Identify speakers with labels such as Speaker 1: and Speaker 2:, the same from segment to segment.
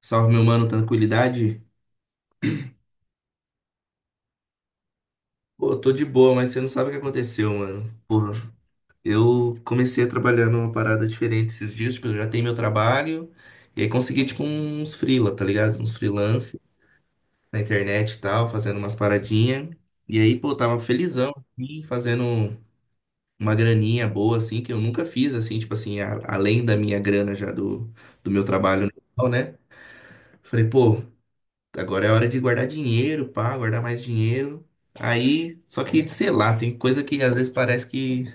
Speaker 1: Salve, meu mano, tranquilidade? Pô, eu tô de boa, mas você não sabe o que aconteceu, mano. Porra, eu comecei a trabalhar numa parada diferente esses dias, tipo, eu já tenho meu trabalho, e aí consegui, tipo, uns freela, tá ligado? Uns freelance na internet e tal, fazendo umas paradinhas. E aí, pô, tava felizão, assim, fazendo uma graninha boa, assim, que eu nunca fiz, assim, tipo assim, além da minha grana já do meu trabalho, normal, né? Falei, pô, agora é hora de guardar dinheiro, pá, guardar mais dinheiro. Aí, só que, sei lá, tem coisa que às vezes parece que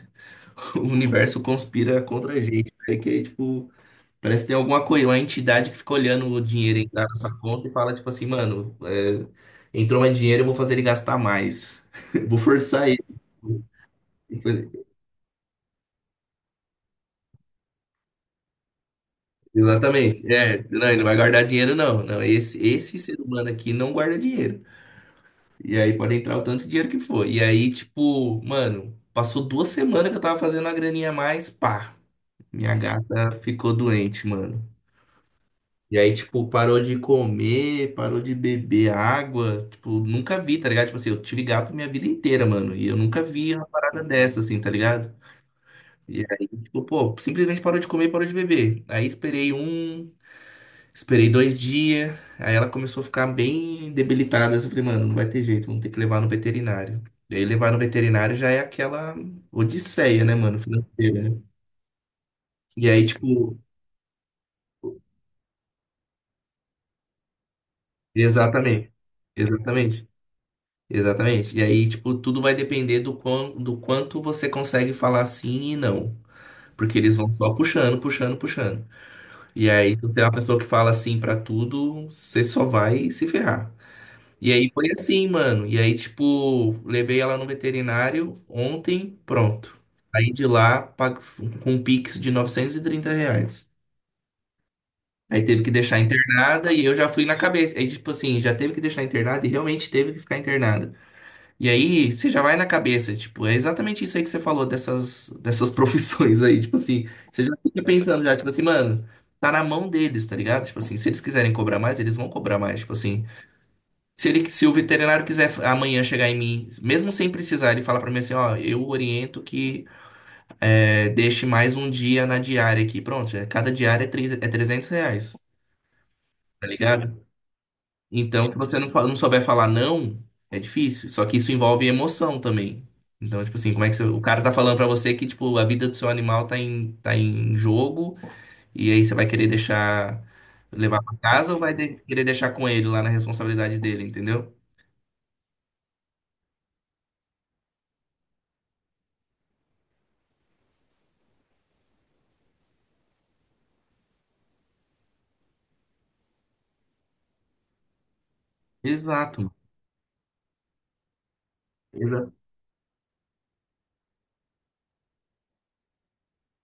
Speaker 1: o universo conspira contra a gente. É que, tipo, parece que tem alguma coisa, uma entidade que fica olhando o dinheiro entrar na nossa conta e fala, tipo assim, mano, é, entrou mais dinheiro, eu vou fazer ele gastar mais. Eu vou forçar ele. Exatamente. É, não, ele não vai guardar dinheiro, não. Não, esse ser humano aqui não guarda dinheiro. E aí pode entrar o tanto de dinheiro que for. E aí, tipo, mano, passou 2 semanas que eu tava fazendo uma graninha a mais, pá, minha gata ficou doente, mano. E aí, tipo, parou de comer, parou de beber água. Tipo, nunca vi, tá ligado? Tipo assim, eu tive gato minha vida inteira, mano. E eu nunca vi uma parada dessa, assim, tá ligado? E aí, tipo, pô, simplesmente parou de comer, parou de beber. Aí esperei 2 dias, aí ela começou a ficar bem debilitada. Eu falei, mano, não vai ter jeito, vamos ter que levar no veterinário. E aí levar no veterinário já é aquela odisseia, né, mano, financeira, né? E aí, tipo, exatamente, exatamente, exatamente. E aí, tipo, tudo vai depender do quão, do quanto você consegue falar sim e não. Porque eles vão só puxando, puxando, puxando. E aí, se você é uma pessoa que fala sim pra tudo, você só vai se ferrar. E aí foi assim, mano. E aí, tipo, levei ela no veterinário ontem, pronto. Aí de lá, com um Pix de R$ 930. Aí teve que deixar internada e eu já fui na cabeça. Aí, tipo assim, já teve que deixar internada e realmente teve que ficar internada. E aí, você já vai na cabeça, tipo, é exatamente isso aí que você falou dessas, dessas profissões aí. Tipo assim, você já fica pensando já, tipo assim, mano, tá na mão deles, tá ligado? Tipo assim, se eles quiserem cobrar mais, eles vão cobrar mais. Tipo assim. Se ele, se o veterinário quiser amanhã chegar em mim, mesmo sem precisar, ele fala pra mim assim, ó, eu oriento que é, deixe mais um dia na diária aqui. Pronto, é, cada diária é, é R$ 300, tá ligado? Então, se você não souber falar não, é difícil. Só que isso envolve emoção também. Então, tipo assim, como é que você, o cara tá falando pra você que, tipo, a vida do seu animal tá em jogo e aí você vai querer deixar, levar pra casa ou vai querer deixar com ele lá na responsabilidade dele, entendeu? Exato.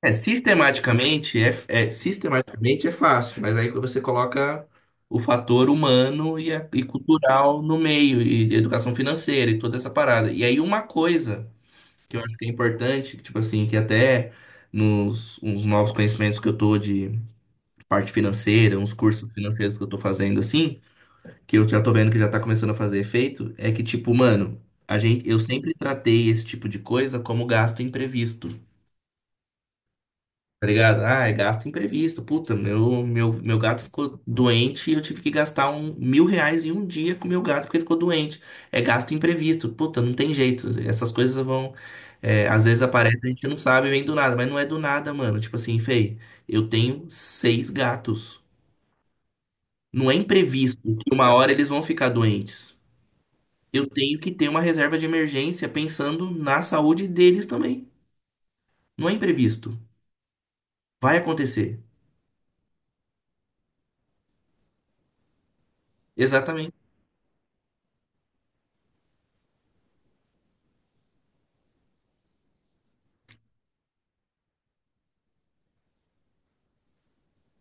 Speaker 1: É, sistematicamente sistematicamente é fácil, mas aí você coloca o fator humano e, e cultural no meio, e educação financeira e toda essa parada. E aí uma coisa que eu acho que é importante, que, tipo assim, que até nos uns novos conhecimentos que eu tô de parte financeira, uns cursos financeiros que eu tô fazendo assim, que eu já tô vendo que já tá começando a fazer efeito, é que, tipo, mano, a gente, eu sempre tratei esse tipo de coisa como gasto imprevisto. Tá ligado? Ah, é gasto imprevisto. Puta, meu gato ficou doente e eu tive que gastar R$ 1.000 em um dia com meu gato porque ele ficou doente. É gasto imprevisto. Puta, não tem jeito. Essas coisas vão. É, às vezes aparece, a gente não sabe, vem do nada, mas não é do nada, mano. Tipo assim, Fei, eu tenho seis gatos. Não é imprevisto que uma hora eles vão ficar doentes. Eu tenho que ter uma reserva de emergência pensando na saúde deles também. Não é imprevisto. Vai acontecer. Exatamente.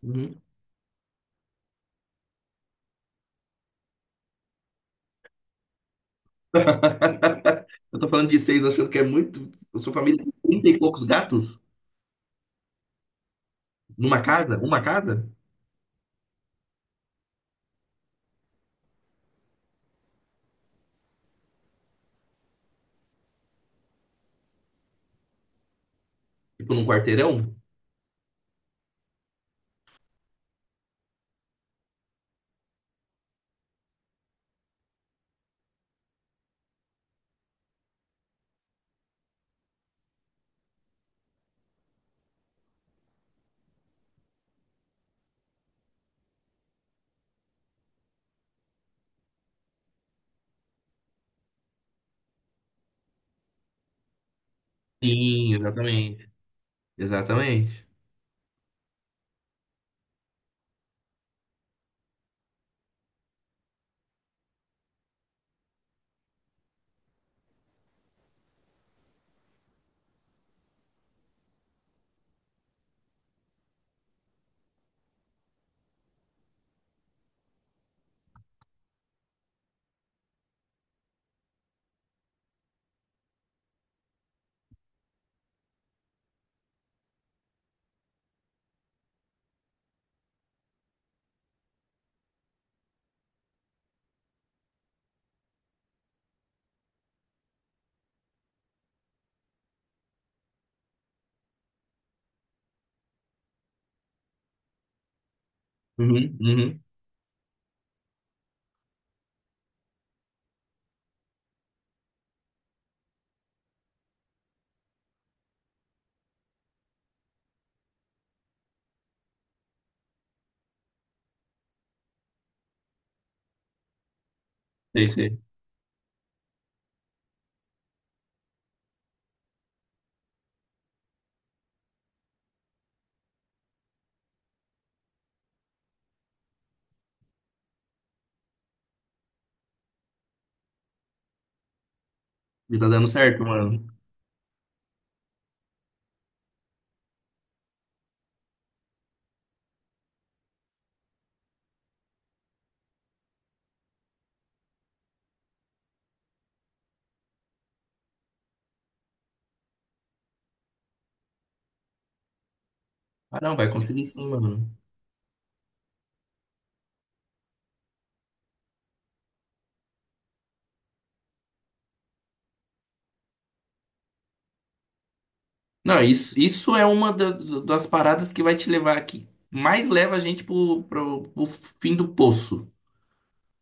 Speaker 1: Uhum. Eu tô falando de seis, achando que é muito. Eu sou família de 30 e poucos gatos numa casa, uma casa, tipo num quarteirão. Sim, exatamente. Exatamente. Uhum, uhum. Sei, sei. E tá dando certo, mano. Ah, não, vai conseguir sim, mano. Não, isso é uma das paradas que vai te levar, que mais leva a gente pro, pro fim do poço.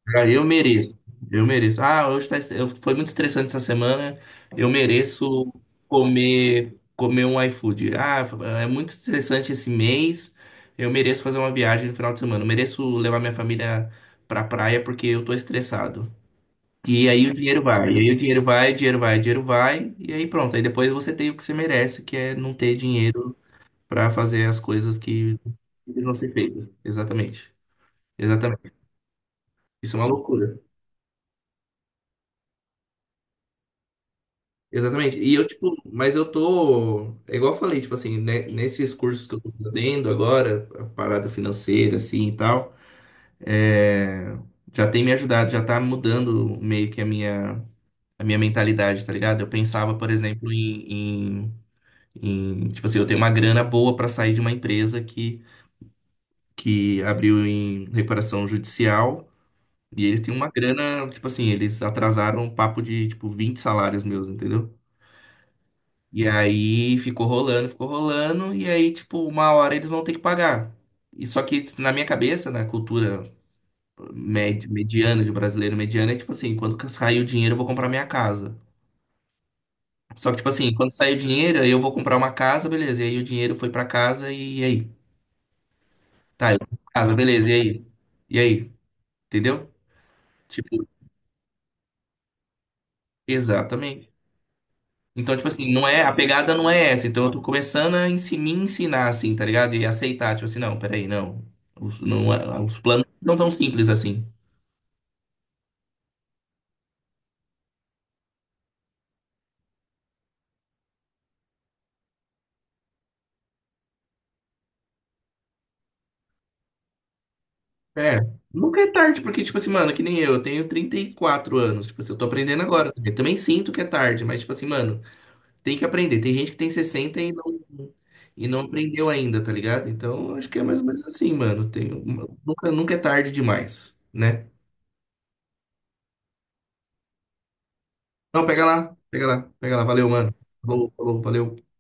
Speaker 1: Cara, eu mereço. Eu mereço. Ah, hoje foi muito estressante essa semana. Eu mereço comer um iFood. Ah, é muito estressante esse mês. Eu mereço fazer uma viagem no final de semana. Eu mereço levar minha família pra praia porque eu tô estressado. E aí o dinheiro vai, e aí o dinheiro vai, dinheiro vai, dinheiro vai, e aí pronto. Aí depois você tem o que você merece, que é não ter dinheiro pra fazer as coisas que não ser feitas. Exatamente. Exatamente. Isso é uma loucura. Exatamente. E eu, tipo, mas eu tô, é igual eu falei, tipo assim, né, nesses cursos que eu tô fazendo agora, a parada financeira, assim e tal, é, já tem me ajudado, já tá mudando meio que a minha mentalidade, tá ligado? Eu pensava, por exemplo, em, em, tipo assim, eu tenho uma grana boa pra sair de uma empresa que abriu em recuperação judicial, e eles têm uma grana, tipo assim, eles atrasaram um papo de, tipo, 20 salários meus, entendeu? E aí ficou rolando, e aí, tipo, uma hora eles vão ter que pagar. E só que na minha cabeça, na cultura mediana, de brasileiro mediano, é tipo assim, quando sair o dinheiro, eu vou comprar minha casa. Só que, tipo assim, quando sair o dinheiro, eu vou comprar uma casa, beleza. E aí o dinheiro foi pra casa e aí? Tá, eu compro casa, beleza, e aí? E aí? Entendeu? Tipo, exatamente. Então, tipo assim, não é, a pegada não é essa. Então, eu tô começando a me ensinar, assim, tá ligado? E aceitar, tipo assim, não, peraí, não. Os, não, os planos não tão simples assim. É, nunca é tarde, porque, tipo assim, mano, que nem eu, eu tenho 34 anos, tipo assim, eu tô aprendendo agora. Eu também sinto que é tarde, mas, tipo assim, mano, tem que aprender. Tem gente que tem 60 e não aprendeu ainda, tá ligado? Então, eu acho que é mais ou menos assim, mano. Tem, nunca, nunca é tarde demais, né? Não, pega lá, pega lá, pega lá. Valeu, mano. Falou, falou, valeu.